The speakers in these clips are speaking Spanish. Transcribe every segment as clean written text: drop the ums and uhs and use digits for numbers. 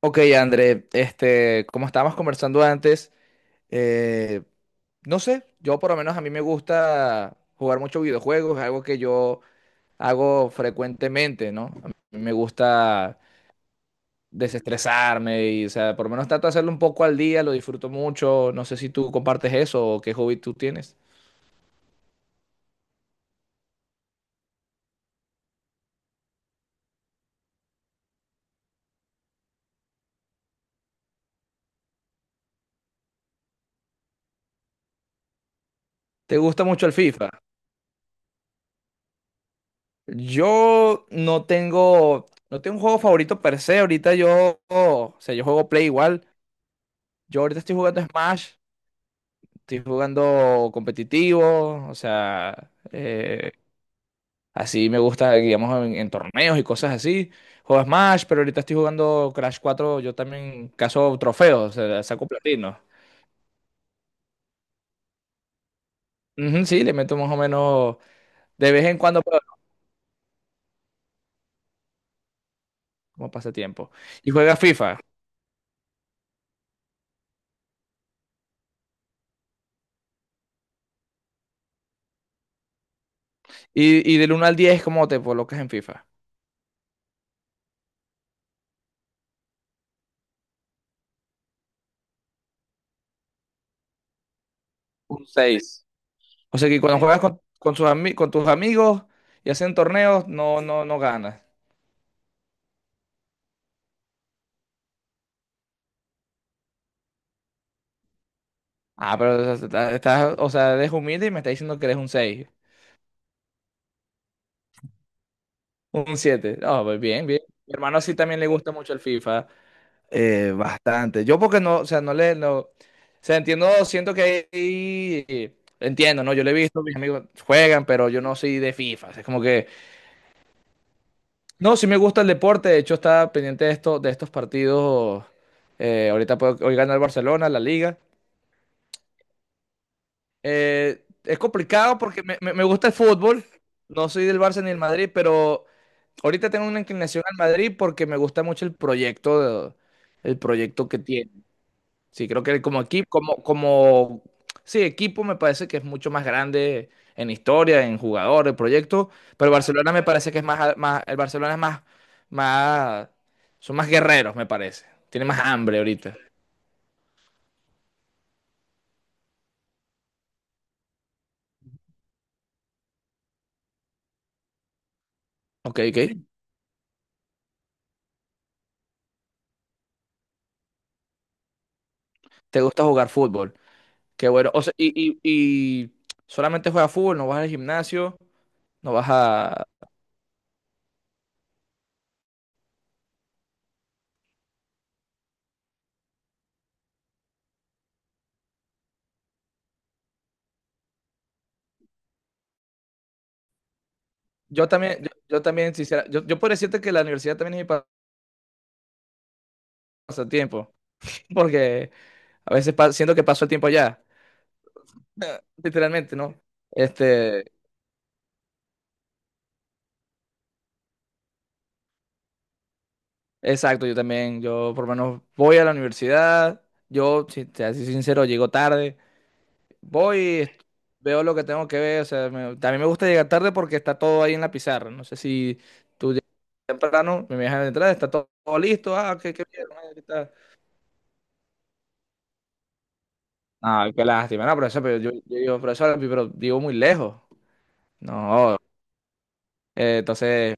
Ok, André, como estábamos conversando antes, eh, no sé, yo por lo menos a mí me gusta jugar mucho videojuegos, es algo que yo hago frecuentemente, ¿no? A mí me gusta desestresarme y, o sea, por lo menos trato de hacerlo un poco al día, lo disfruto mucho, no sé si tú compartes eso o qué hobby tú tienes. ¿Te gusta mucho el FIFA? Yo no tengo, no tengo un juego favorito per se, ahorita yo, o sea, yo juego Play igual, yo ahorita estoy jugando Smash. Estoy jugando competitivo, o sea, así me gusta, digamos, en torneos y cosas así. Juego Smash, pero ahorita estoy jugando Crash 4, yo también caso trofeos, o sea, saco platino. Ujú, sí, le meto más o menos de vez en cuando, pero como pasatiempo. Y juegas FIFA. Y del uno al diez, ¿cómo te colocas en FIFA? Un seis. O sea que cuando juegas con, con tus amigos y hacen torneos, no, no, no ganas. Ah, pero o sea, o sea, eres humilde y me estás diciendo que eres un 6, un 7. No, pues bien, bien. Mi hermano sí también le gusta mucho el FIFA, bastante. Yo porque no, o sea, no le, no, o sea, entiendo, siento que hay- entiendo, ¿no? Yo le he visto, mis amigos juegan, pero yo no soy de FIFA. O sea, es como que, no, sí me gusta el deporte, de hecho estaba pendiente de esto, de estos partidos, ahorita puedo, hoy gana el Barcelona, la Liga. Es complicado porque me, me gusta el fútbol. No soy del Barça ni del Madrid, pero ahorita tengo una inclinación al Madrid porque me gusta mucho el proyecto, de- el proyecto que tiene. Sí, creo que como equipo, sí, equipo me parece que es mucho más grande en historia, en jugadores, proyecto, pero el Barcelona me parece que es más, más, el Barcelona es más, más, son más guerreros, me parece. Tiene más hambre ahorita. Ok, ok. ¿Te gusta jugar fútbol? Qué bueno. O sea, y solamente juegas fútbol, no vas al gimnasio, no vas a... Yo también, yo también, sincera, yo puedo decirte que la universidad también es mi pasatiempo, porque a veces siento que paso el tiempo allá, literalmente, ¿no? Este, exacto, yo también, yo por lo menos voy a la universidad, yo, si te soy sincero, llego tarde, voy, veo lo que tengo que ver, o sea, también me gusta llegar tarde porque está todo ahí en la pizarra, no sé si temprano me dejan entrar, está todo, listo, ah, qué, qué bien, ah, aquí está. Ah, qué lástima, no, profesor, pero yo digo, profesor, pero vivo muy lejos. No. Entonces,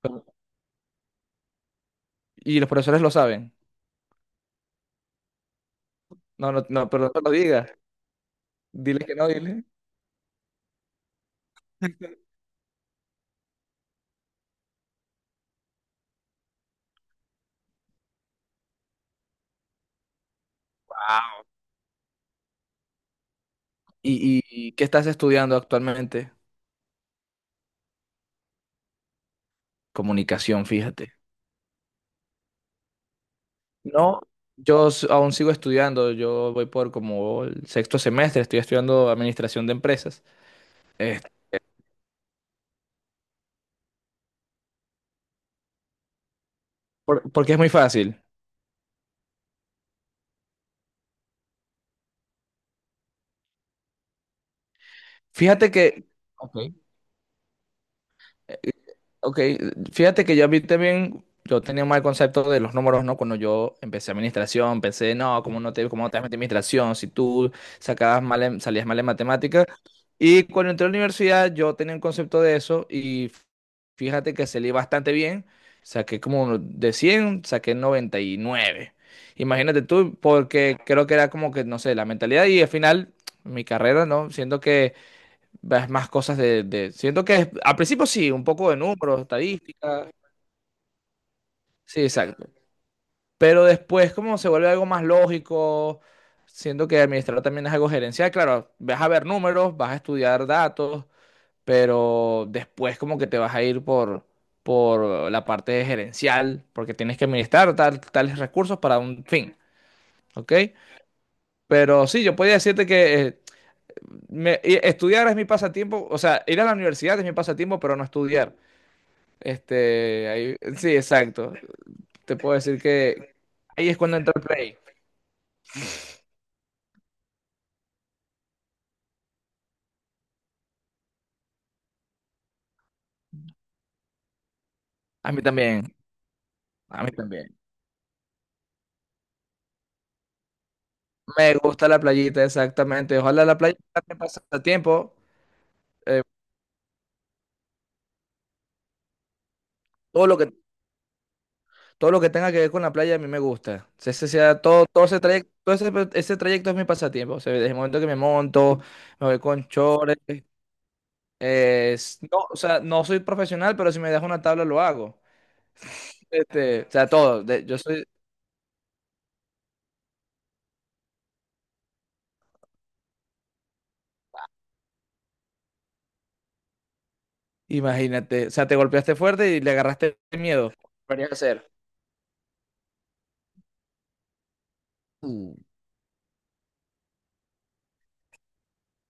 pero... y los profesores lo saben. No, no, no, pero no te lo digas. Dile que no, dile. ¿Y qué estás estudiando actualmente? Comunicación, fíjate. No, aún sigo estudiando. Yo voy por como el sexto semestre. Estoy estudiando administración de empresas. Eh, porque es muy fácil. Fíjate que... Ok. Eh, Ok, fíjate que yo a mí también, yo tenía un mal concepto de los números, ¿no? Cuando yo empecé administración, pensé, no, ¿cómo no te, cómo te vas a meter en administración si tú sacabas mal salías mal en matemáticas? Y cuando entré a la universidad, yo tenía un concepto de eso y fíjate que salí bastante bien, saqué como de 100 saqué noventa y nueve. Imagínate tú, porque creo que era como que, no sé, la mentalidad y al final mi carrera, ¿no? Siendo que ves más cosas de, siento que al principio sí, un poco de números, estadísticas. Sí, exacto. Pero después como se vuelve algo más lógico, siento que administrar también es algo gerencial. Claro, vas a ver números, vas a estudiar datos, pero después como que te vas a ir por la parte gerencial, porque tienes que administrar tales recursos para un fin, ¿ok? Pero sí, yo podría decirte que estudiar es mi pasatiempo, o sea, ir a la universidad es mi pasatiempo, pero no estudiar. Este, ahí, sí, exacto. Te puedo decir que ahí es cuando entra el play. A mí también, a mí también. Me gusta la playita, exactamente. Ojalá la playa sea pase a... Eh, todo lo que, todo lo que tenga que ver con la playa a mí me gusta. Ese sea, todo, todo ese trayecto, todo ese, ese trayecto es mi pasatiempo. O sea, desde el momento que me monto, me voy con chores. Es... no, o sea, no soy profesional, pero si me das una tabla lo hago. O sea, todo. Yo soy... Imagínate, o sea, te golpeaste fuerte y le agarraste miedo. Podría hacer. Mm,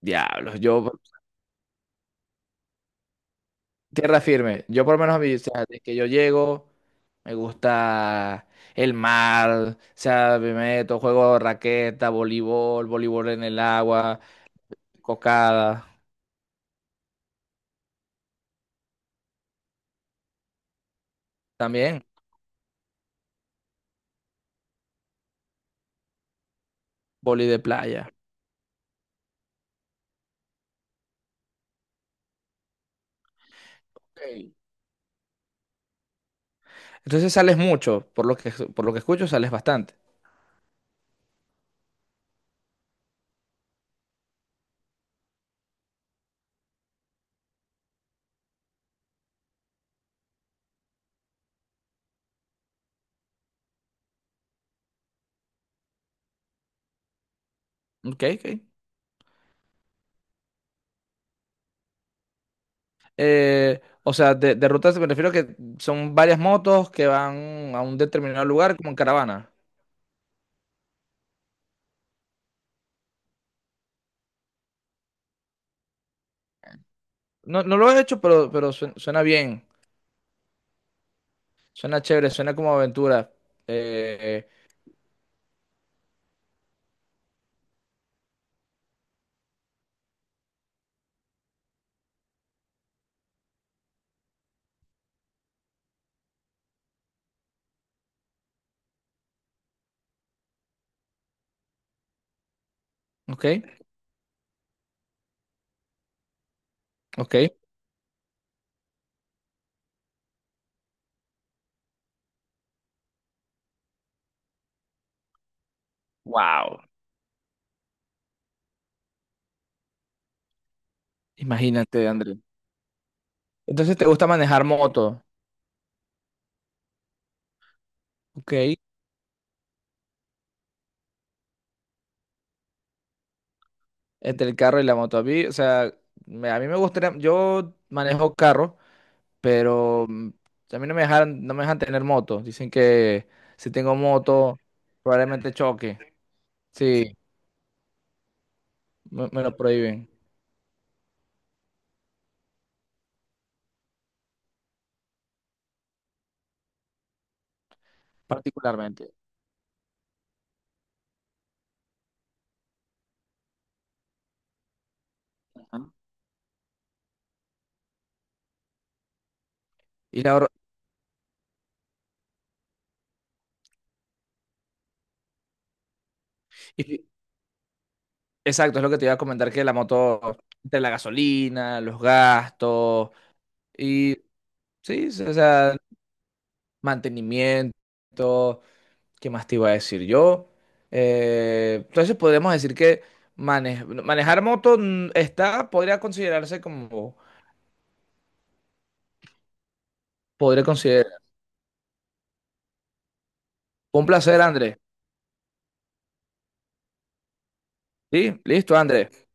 diablos, yo, tierra firme. Yo por lo menos a mí, o sea, de que yo llego, me gusta el mar, o sea, me meto, juego raqueta, voleibol, voleibol en el agua, cocada, también vóley de playa. Ok. Entonces sales mucho, por lo que escucho, sales bastante. Ok, ok. O sea, de rutas me refiero que son varias motos que van a un determinado lugar como en caravana. No, no lo he hecho, pero suena bien, suena chévere, suena como aventura. Eh, ok, ok. Wow. Imagínate, André. Entonces, ¿te gusta manejar moto? Ok, entre el carro y la moto. A mí, o sea, a mí me gustaría, yo manejo carro, pero mm, a mí no me dejan, no me dejan tener moto. Dicen que si tengo moto, probablemente choque. Sí, me lo prohíben, particularmente. Ajá. Y la, hor- y fi- exacto, es lo que te iba a comentar, que la moto, entre la gasolina, los gastos, y sí, sí, o sea, mantenimiento, ¿qué más te iba a decir yo? Entonces podemos decir que manejar moto mm, está, podría considerarse como, podría considerar. Un placer, Andrés. Sí, listo, Andrés.